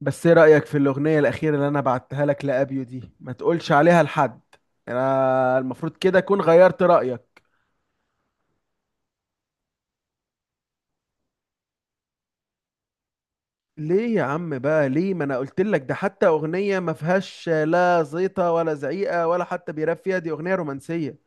بس ايه رأيك في الأغنية الأخيرة اللي أنا بعتها لك لأبيو دي؟ ما تقولش عليها لحد. أنا المفروض كده أكون غيرت رأيك. ليه يا عم بقى؟ ليه؟ ما أنا قلت لك ده حتى أغنية ما فيهاش لا زيطة ولا زعيقة ولا حتى بيراب فيها، دي أغنية رومانسية.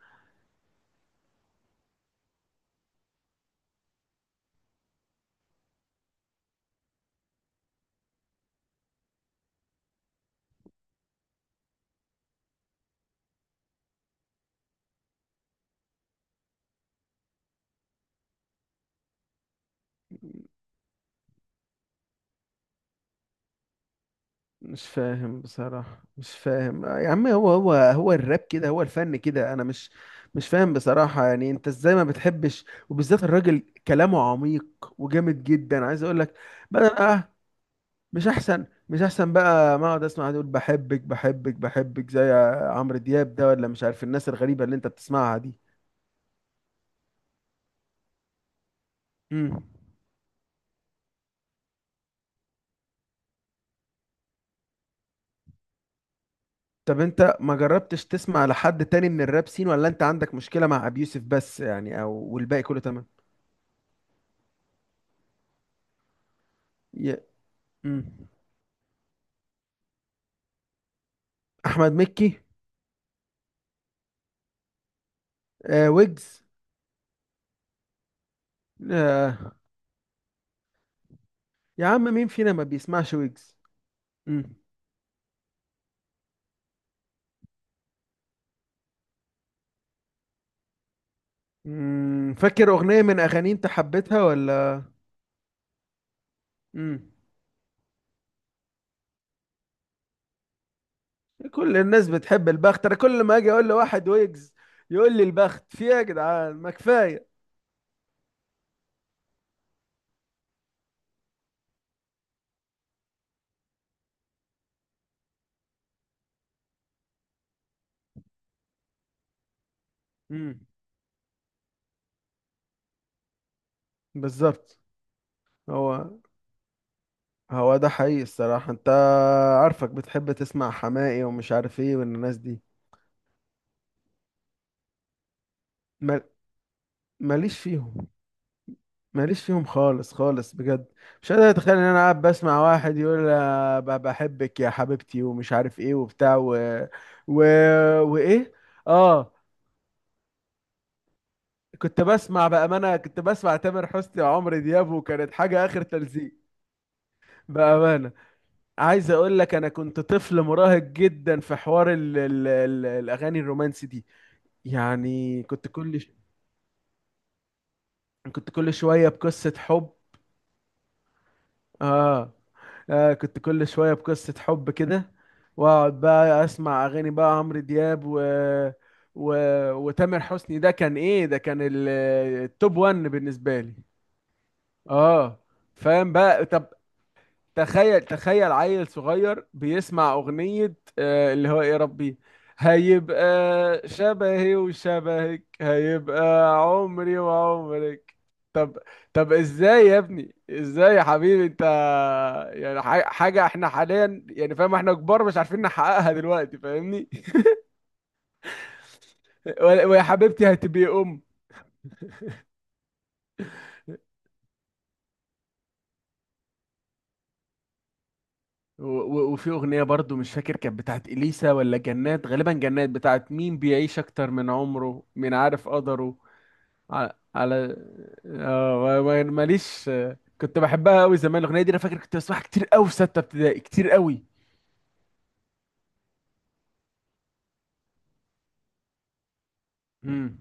مش فاهم بصراحة، مش فاهم يا عم، هو الراب كده، هو الفن كده. أنا مش فاهم بصراحة. يعني أنت إزاي ما بتحبش؟ وبالذات الراجل كلامه عميق وجامد جدا، عايز أقول لك. بدل، مش احسن بقى ما اقعد اسمع دول بحبك بحبك بحبك زي عمرو دياب ده، ولا مش عارف الناس الغريبه اللي انت بتسمعها دي؟ امم طب انت ما جربتش تسمع لحد تاني من الراب سين؟ ولا انت عندك مشكله مع ابي يوسف بس، يعني، او والباقي كله تمام؟ ي... مم. احمد مكي. آه، ويجز. آه، يا عم مين فينا ما بيسمعش ويجز؟ مم. فاكر اغنيه من اغاني انت حبيتها ولا؟ مم. كل الناس بتحب البخت. انا كل ما اجي اقول لواحد ويجز يقول لي البخت، في ايه يا جدعان؟ ما كفايه. امم بالظبط. هو هو ده حقيقي الصراحه. انت عارفك بتحب تسمع حماقي ومش عارف ايه والناس دي. مال- ماليش فيهم. ماليش فيهم خالص خالص بجد. مش قادر اتخيل ان انا قاعد بسمع واحد يقول بحبك يا حبيبتي ومش عارف ايه وبتاع و... وايه. اه، كنت بسمع بأمانة، كنت بسمع تامر حسني وعمرو دياب، وكانت حاجة آخر تلزيق. بأمانة، عايز أقول لك أنا كنت طفل مراهق جدا في حوار ال الأغاني الرومانسي دي. يعني كنت كل شوية بقصة حب. آه. آه، كنت كل شوية بقصة حب كده، وأقعد بقى أسمع أغاني بقى عمرو دياب و... وتامر حسني. ده كان إيه؟ ده كان التوب 1 بالنسبة لي. آه، فاهم بقى؟ طب تخيل، تخيل عيل صغير بيسمع أغنية آه، اللي هو إيه يا ربي هيبقى شبهي وشبهك، هيبقى عمري وعمرك. طب، طب ازاي يا ابني؟ ازاي يا حبيبي انت؟ يعني حاجة احنا حاليا، يعني فاهم، احنا كبار مش عارفين نحققها دلوقتي، فاهمني؟ ويا حبيبتي هتبقي أم. وفي أغنية برضو مش فاكر كانت بتاعت إليسا ولا جنات، غالبا جنات، بتاعت مين بيعيش أكتر من عمره، من عارف قدره. على، على، آه، ماليش. كنت بحبها قوي زمان الاغنيه دي. انا فاكر كنت بسمعها كتير قوي في سته ابتدائي، كتير قوي. امم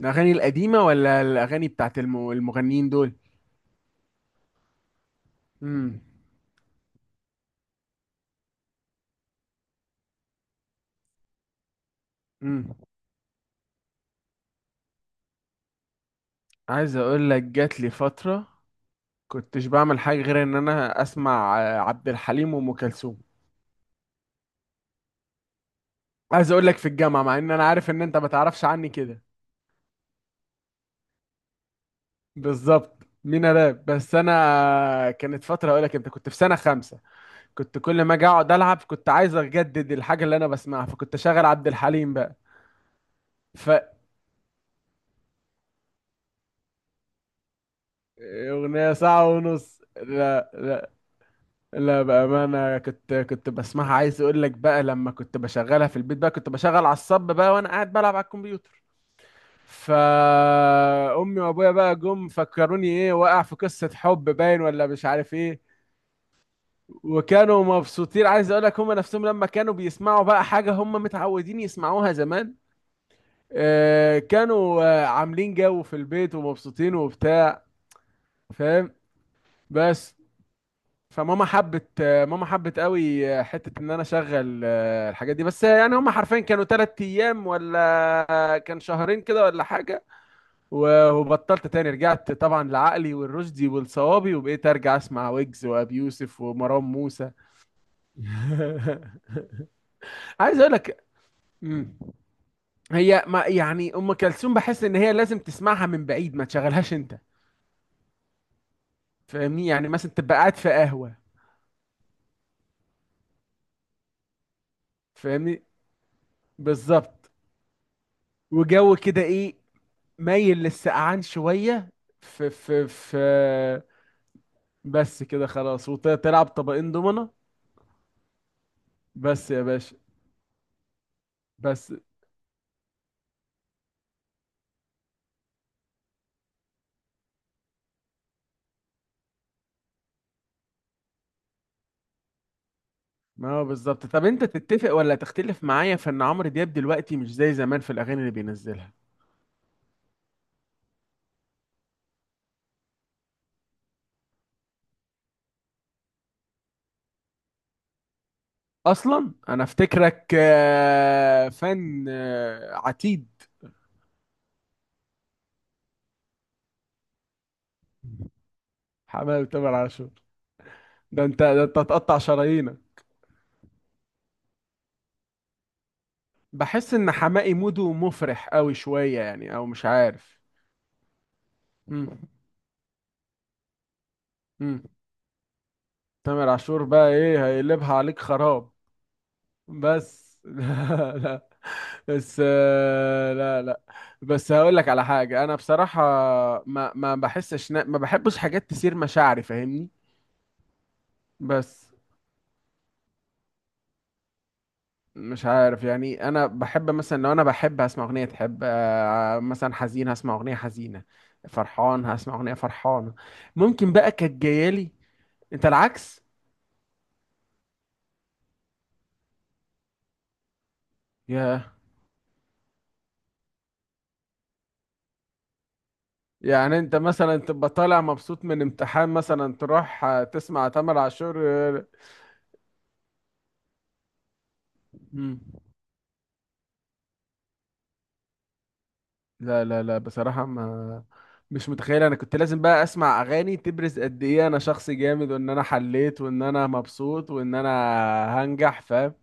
الاغاني القديمه ولا الاغاني بتاعت المغنيين دول؟ امم امم عايز اقول لك جات لي فتره كنتش بعمل حاجه غير ان انا اسمع عبد الحليم وام كلثوم. عايز اقول لك في الجامعه، مع ان انا عارف ان انت ما تعرفش عني كده. بالظبط، مين انا؟ بس انا آه، كانت فتره اقول لك، انت كنت في سنه خمسه. كنت كل ما اجي اقعد العب كنت عايز اجدد الحاجه اللي انا بسمعها، فكنت شغال عبد الحليم بقى. ف اغنيه ساعه ونص؟ لا لا، لا بامانه، كنت بسمعها. عايز اقول لك بقى، لما كنت بشغلها في البيت بقى كنت بشغل على الصب بقى وانا قاعد بلعب على الكمبيوتر. فامي وابويا بقى جم فكروني ايه، واقع في قصه حب باين ولا مش عارف ايه. وكانوا مبسوطين، عايز اقول لك، هم نفسهم لما كانوا بيسمعوا بقى حاجه هم متعودين يسمعوها زمان، كانوا عاملين جو في البيت ومبسوطين وبتاع، فاهم؟ بس فماما حبت، ماما حبت قوي حتة ان انا اشغل الحاجات دي، بس يعني هم حرفيا كانوا تلات ايام ولا كان شهرين كده ولا حاجة. وبطلت تاني، رجعت طبعا لعقلي والرشدي والصوابي، وبقيت ارجع اسمع ويجز وابي يوسف ومروان موسى. عايز اقول لك، مم، هي ما يعني ام كلثوم بحس ان هي لازم تسمعها من بعيد، ما تشغلهاش انت. فاهمني؟ يعني مثلا تبقى قاعد في قهوة، فاهمني؟ بالظبط. وجو كده ايه، مايل للسقعان شوية، في بس كده خلاص، وتلعب طبقين دومنة. بس يا باشا. بس ما هو بالظبط. طب انت تتفق ولا تختلف معايا في ان عمرو دياب دلوقتي مش زي زمان في الاغاني اللي بينزلها؟ اصلا انا افتكرك فان عتيد. حمام تامر عاشور؟ ده انت، ده انت هتقطع شرايينك. بحس ان حماقي موده مفرح قوي شويه، يعني، او مش عارف. امم امم تامر عاشور بقى ايه، هيقلبها عليك خراب. بس لا لا، بس لا لا، بس هقول لك على حاجه. انا بصراحه ما ما بحسش نا- ما بحبش حاجات تثير مشاعري، فاهمني؟ بس مش عارف يعني، انا بحب مثلا لو انا بحب هسمع اغنيه تحب، مثلا حزين هسمع اغنيه حزينه، فرحان هسمع اغنيه فرحانه. ممكن بقى كانت جايه لي. انت العكس؟ ياه. يعني انت مثلا تبقى طالع مبسوط من امتحان مثلا تروح تسمع تامر عاشور؟ مم. لا لا لا بصراحة، ما، مش متخيل انا كنت لازم بقى اسمع اغاني تبرز قد ايه انا شخص جامد وان انا حليت وان انا مبسوط وان انا هنجح، فاهم؟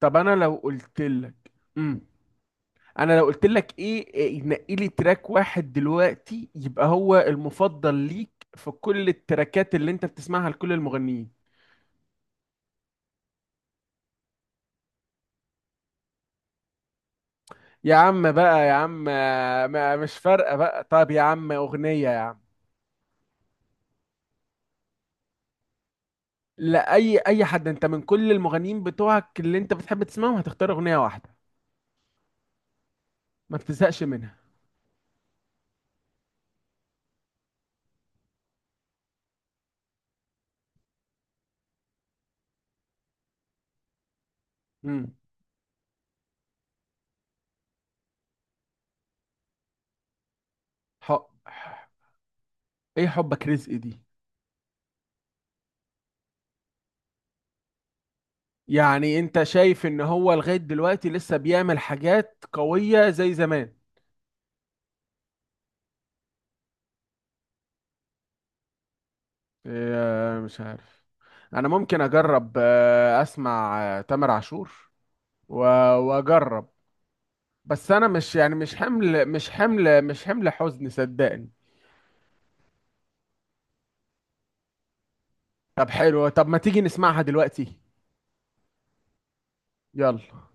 طب انا لو قلت لك، امم انا لو قلت لك ايه، نقي لي تراك واحد دلوقتي يبقى هو المفضل ليك في كل التراكات اللي انت بتسمعها لكل المغنيين؟ يا عم بقى يا عم، مش فارقة بقى، طب يا عم أغنية يا عم. لا، أي أي حد، أنت من كل المغنيين بتوعك اللي أنت بتحب تسمعهم هتختار أغنية واحدة ما بتزهقش منها؟ امم حب، إيه حبك رزق دي؟ يعني أنت شايف إن هو لغاية دلوقتي لسه بيعمل حاجات قوية زي زمان؟ إيه، مش عارف. أنا ممكن أجرب أسمع تامر عاشور وأجرب. بس أنا مش يعني، مش حمل حزن، صدقني. طب حلو، طب ما تيجي نسمعها دلوقتي. يلا.